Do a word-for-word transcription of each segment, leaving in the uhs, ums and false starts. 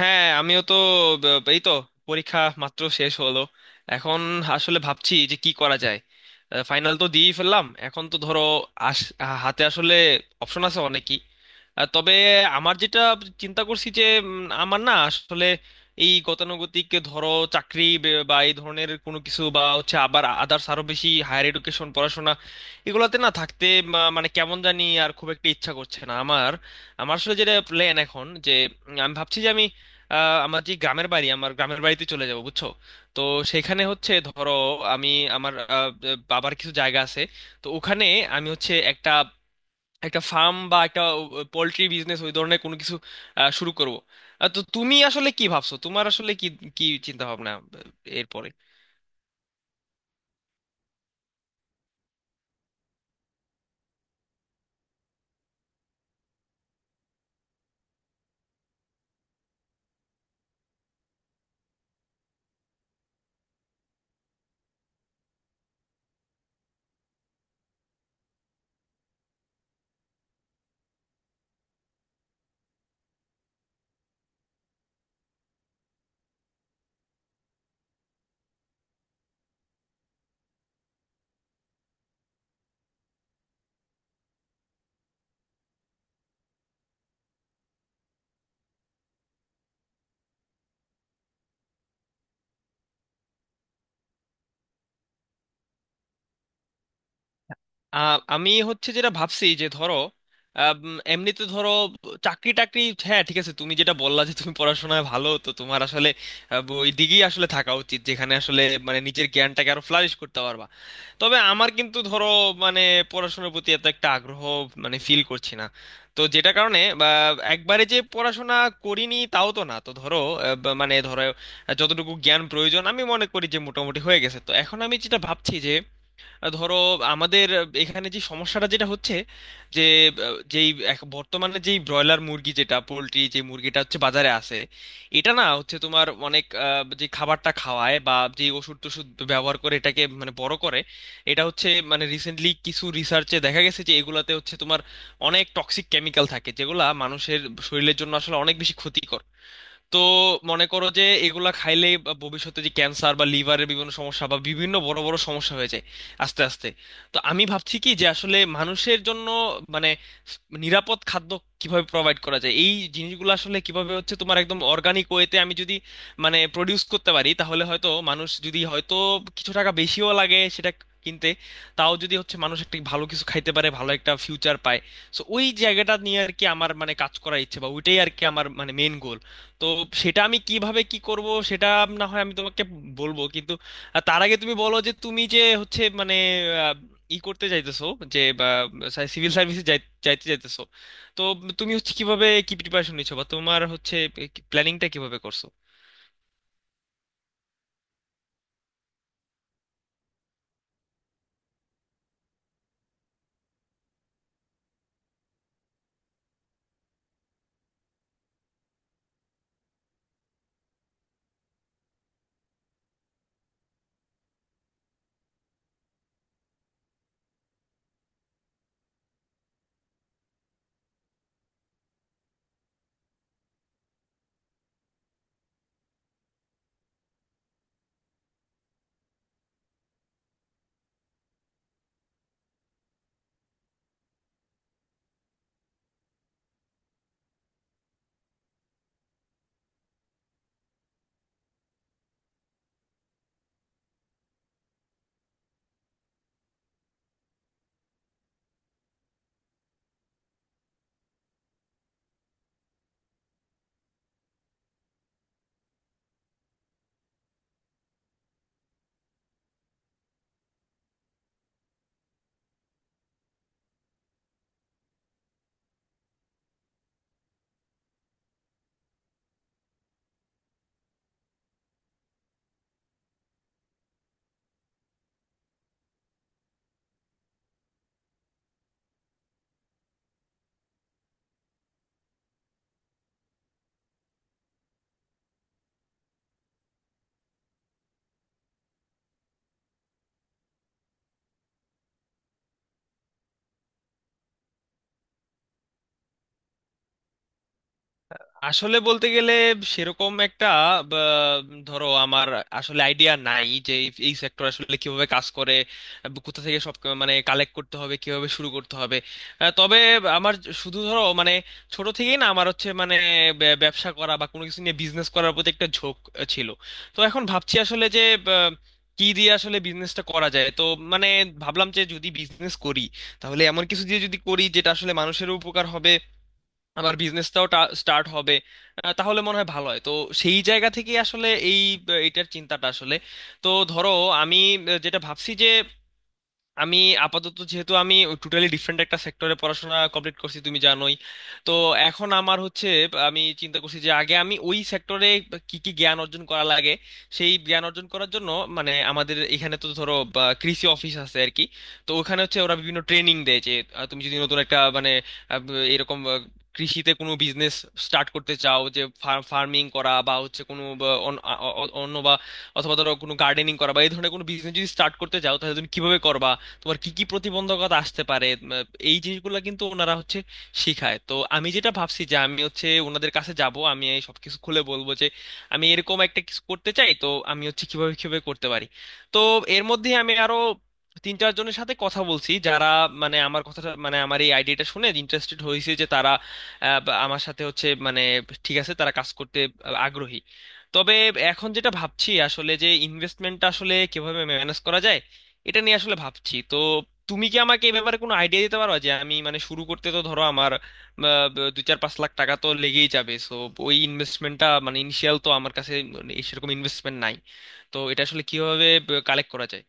হ্যাঁ আমিও তো ব- এই তো পরীক্ষা মাত্র শেষ হলো। এখন আসলে ভাবছি যে কি করা যায়। ফাইনাল তো দিয়েই ফেললাম, এখন তো ধরো আস আহ, হাতে আসলে অপশন আছে অনেকই। আহ, তবে আমার যেটা চিন্তা করছি যে উম, আমার না আসলে এই গতানুগতিক ধরো চাকরি বে- বা এই ধরনের কোনো কিছু বা হচ্ছে আবার আদার্স আরো বেশি হায়ার এডুকেশন পড়াশোনা এগুলোতে না থাকতে মা- মানে কেমন জানি আর খুব একটা ইচ্ছা করছে না আমার। আমার আসলে যেটা প্ল্যান এখন যে উম, আমি ভাবছি যে আমি আহ, আমার যে গ্রামের বাড়ি, আমার গ্রামের বাড়িতে চলে যাব, বুঝছো। তো সেখানে হচ্ছে ধরো আমি, আমার আহ, বাবার কিছু জায়গা আছে। তো ওখানে আমি হচ্ছে একটা একটা ফার্ম বা একটা পোল্ট্রি বিজনেস ওই ধরনের কোনো কিছু আহ, শুরু করব। তো তুমি আসলে কি ভাবছো, তোমার আসলে কি কি চিন্তা ভাবনা এরপরে? আহ, আমি হচ্ছে যেটা ভাবছি যে ধরো আহ, উম, এমনিতে ধরো চাকরি টাকরি, হ্যাঁ ঠিক আছে তুমি যেটা বললা যে তুমি পড়াশোনায় ভালো, তো তোমার আসলে আহ, ওই দিকেই আসলে থাকা উচিত, যেখানে আসলে মানে নিজের জ্ঞানটাকে আরো ফ্লারিশ করতে পারবা। তবে আমার কিন্তু ধরো মানে পড়াশোনার প্রতি এত একটা আগ্রহ মানে ফিল করছি না। তো যেটা কারণে বা একবারে যে পড়াশোনা করিনি তাও তো না। তো ধরো আহ, বা- মানে ধরো আহ, যতটুকু জ্ঞান প্রয়োজন আমি মনে করি যে মোটামুটি হয়ে গেছে। তো এখন আমি যেটা ভাবছি, ধরো আমাদের এখানে যে সমস্যাটা যেটা হচ্ছে যে আহ, যেই এক- বর্তমানে যেই ব্রয়লার মুরগি, যেটা পোলট্রি, যে মুরগিটা হচ্ছে বাজারে আসে, এটা না হচ্ছে তোমার অনেক আহ, যে খাবারটা খাওয়ায় বা যে ওষুধ টষুধ ব্যবহার করে এটাকে মানে বড় করে, এটা হচ্ছে মানে রিসেন্টলি কিছু রিসার্চে দেখা গেছে যে এগুলাতে হচ্ছে তোমার অনেক টক্সিক কেমিক্যাল থাকে, যেগুলা মানুষের শরীরের জন্য আসলে অনেক বেশি ক্ষতিকর। তো মনে করো যে এগুলা খাইলে ভবিষ্যতে যে ক্যান্সার বা লিভারের বিভিন্ন সমস্যা বা বিভিন্ন বড় বড় সমস্যা হয়ে যায় আস্তে আস্তে। তো আমি ভাবছি কি যে আসলে মানুষের জন্য মানে নিরাপদ খাদ্য কিভাবে প্রোভাইড করা যায়, এই জিনিসগুলো আসলে কিভাবে হচ্ছে তোমার একদম অর্গানিক ওয়েতে আমি যদি মানে প্রডিউস করতে পারি, তাহলে হয়তো মানুষ যদি হয়তো কিছু টাকা বেশিও লাগে সেটা কিনতে, তাও যদি হচ্ছে মানুষ একটা ভালো কিছু খাইতে পারে, ভালো একটা ফিউচার পায়। সো ওই জায়গাটা নিয়ে আর কি আমার মানে কাজ করার ইচ্ছে, বা ওইটাই আর কি আমার মানে মেন গোল। তো সেটা আমি কিভাবে কি করব সেটা না হয় আমি তোমাকে বলবো, কিন্তু আহ, তার আগে তুমি বলো যে তুমি যে হচ্ছে মানে আহ, ই করতে চাইতেছো যে সিভিল সার্ভিসে যাইতে চাইতেছো, তো তুমি হচ্ছে কিভাবে কি প্রিপারেশন নিচ্ছো বা তোমার হচ্ছে প্ল্যানিংটা কিভাবে করছো? আসলে বলতে গেলে সেরকম একটা বা, ধরো আমার আসলে আইডিয়া নাই যে এই সেক্টর আসলে কিভাবে কাজ করে বা কোথা থেকে সব ক- মানে কালেক্ট করতে হবে, কিভাবে শুরু করতে হবে। আহ, তবে আমার শুধু ধরো মানে ছোট থেকেই না আমার হচ্ছে মানে ব্য- ব্যবসা করা বা কোনো কিছু নিয়ে বিজনেস করার প্রতি একটা ঝোঁক আহ, ছিল। তো এখন ভাবছি আসলে যে আহ, কি দিয়ে আসলে বিজনেসটা করা যায়। তো মানে ভাবলাম যে যদি বিজনেস করি, তাহলে এমন কিছু দিয়ে যদি করি যেটা আসলে মানুষেরও উপকার হবে, আমার বিজনেসটাও স্টার্ট হবে, আহ, তাহলে মনে হয় ভালো হয়। তো সেই জায়গা থেকে আসলে এই আহ, এইটার চিন্তাটা আসলে। তো ধরো আমি আহ, যেটা ভাবছি যে আমি আপাতত যেহেতু আমি টোটালি ডিফারেন্ট একটা সেক্টরে পড়াশোনা কমপ্লিট করছি, তুমি জানোই। তো এখন আমার হচ্ছে আমি চিন্তা করছি যে আগে আমি ওই সেক্টরে কি কি জ্ঞান অর্জন করা লাগে সেই জ্ঞান অর্জন করার জন্য মানে আমাদের এখানে তো ধরো বা, কৃষি অফিস আছে আর কি। তো ওখানে হচ্ছে ওরা বিভিন্ন ট্রেনিং দেয় যে আহ, তুমি যদি নতুন একটা মানে আহ, এরকম আহ, কৃষিতে কোনো বিজনেস স্টার্ট করতে চাও, যে ফার্মিং করা বা হচ্ছে কোনো বা, অন- আ- অ- অন্য বা অথবা ধরো কোনো গার্ডেনিং করা বা এই ধরনের কোনো বিজনেস যদি স্টার্ট করতে চাও তাহলে তুমি কিভাবে করবা, তোমার কি কি প্রতিবন্ধকতা আসতে পারে, উম, এই জিনিসগুলো কিন্তু ওনারা হচ্ছে শিখায়। তো আমি যেটা ভাবছি যে আমি হচ্ছে ওনাদের কাছে যাব, আমি এই সবকিছু খুলে বলবো যে আমি এরকম একটা কিছু করতে চাই, তো আমি হচ্ছে কিভাবে কিভাবে করতে পারি। তো এর মধ্যে আমি আরো তিন চারজনের সাথে কথা বলছি যারা মানে আমার কথাটা মানে আমার এই আইডিয়াটা শুনে ইন্টারেস্টেড হয়েছে, যে তারা আহ, বা আমার সাথে হচ্ছে মানে ঠিক আছে তারা কাজ করতে আগ্রহী। তবে এখন যেটা ভাবছি আসলে যে ইনভেস্টমেন্টটা আসলে কিভাবে ম্যানেজ করা যায়, এটা নিয়ে আসলে ভাবছি। তো তুমি কি আমাকে এই ব্যাপারে কোনো আইডিয়া দিতে পারো যে আমি মানে শুরু করতে তো ধরো আমার আহ, ব- দুই চার পাঁচ লাখ টাকা তো লেগেই যাবে, সো ওই ইনভেস্টমেন্টটা মানে ইনিশিয়াল তো আমার কাছে মানে এই সেরকম ইনভেস্টমেন্ট নাই। তো এটা আসলে কিভাবে কালেক্ট করা যায়?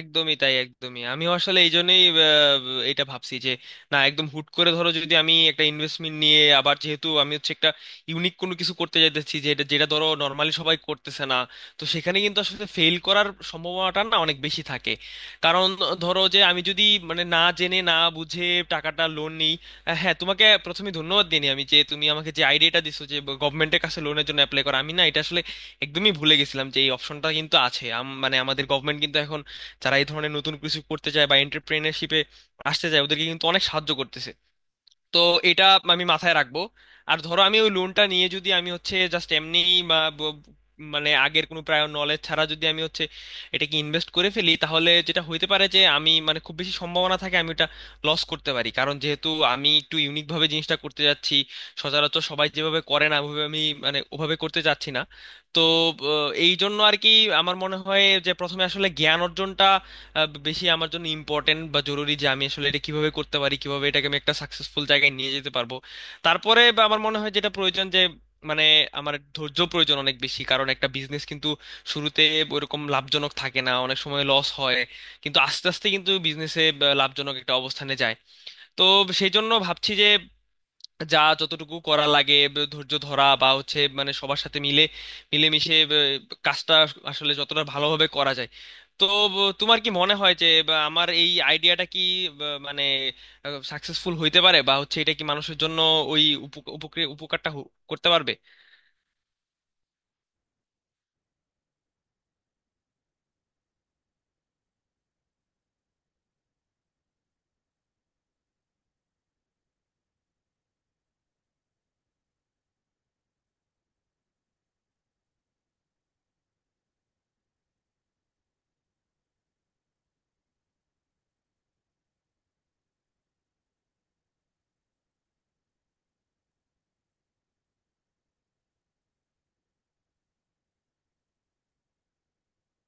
একদমই তাই, একদমই। আমি আসলে এই জন্যই আহ, এটা ভাবছি যে না একদম হুট করে ধরো যদি আমি একটা ইনভেস্টমেন্ট নিয়ে, আবার যেহেতু আমি হচ্ছে একটা ইউনিক কোনো কিছু করতে যাচ্ছি যে এটা যেটা ধরো নর্মালি সবাই করতেছে না, তো সেখানে কিন্তু আসলে ফেল করার সম্ভাবনাটা না অনেক বেশি থাকে। কারণ ধরো যে আমি যদি মানে না জেনে না বুঝে টাকাটা লোন নিই। আহ, হ্যাঁ, তোমাকে প্রথমে ধন্যবাদ দিইনি আমি যে তুমি আমাকে যে আইডিয়াটা দিছো যে গভর্নমেন্টের কাছে লোনের জন্য অ্যাপ্লাই করা, আমি না এটা আসলে একদমই ভুলে গেছিলাম যে এই অপশনটা কিন্তু আছে। আম- মানে আমাদের যারা এই ধরনের নতুন কিছু করতে চায় বা এন্টারপ্রেনারশিপে আসতে চায় ওদেরকে কিন্তু অনেক সাহায্য করতেছে। তো এটা আমি মাথায় রাখবো। আর ধরো আমি ওই লোনটা নিয়ে যদি আমি হচ্ছে জাস্ট এমনি মানে আগের কোনো প্রায় নলেজ ছাড়া যদি আমি হচ্ছে এটাকে ইনভেস্ট করে ফেলি, তাহলে যেটা হইতে পারে যে আমি মানে খুব বেশি সম্ভাবনা থাকে আমি এটা লস করতে পারি, কারণ যেহেতু আমি একটু ইউনিক ভাবে জিনিসটা করতে যাচ্ছি, সচরাচর সবাই যেভাবে করে না ওভাবে আমি মানে ওভাবে করতে যাচ্ছি না। তো আহ, এই জন্য আর কি আমার মনে হয় যে প্রথমে আসলে জ্ঞান অর্জনটা আহ, বেশি আমার জন্য ইম্পর্টেন্ট বা জরুরি, যে আমি আসলে এটা কিভাবে করতে পারি, কিভাবে এটাকে আমি একটা সাকসেসফুল জায়গায় নিয়ে যেতে পারবো। তারপরে বা আমার মনে হয় যেটা প্রয়োজন যে মানে আমার ধৈর্য প্রয়োজন অনেক বেশি, কারণ একটা বিজনেস কিন্তু শুরুতে ওইরকম লাভজনক থাকে না, অনেক সময় লস হয়, কিন্তু আস্তে আস্তে কিন্তু বিজনেসে লাভজনক একটা অবস্থানে যায়। তো সেই জন্য ভাবছি যে যা যতটুকু করা লাগে, ব- ধৈর্য ধরা বা হচ্ছে মানে সবার সাথে মিলে মিলেমিশে ব- কাজটা আসলে যতটা ভালোভাবে করা যায়। তো ব- তোমার কি মনে হয় যে বা, আমার এই আইডিয়াটা কি ব- মানে সাকসেসফুল হইতে পারে, বা হচ্ছে এটা কি মানুষের জন্য ওই উপক- উপকার উপকারটা হো- করতে পারবে?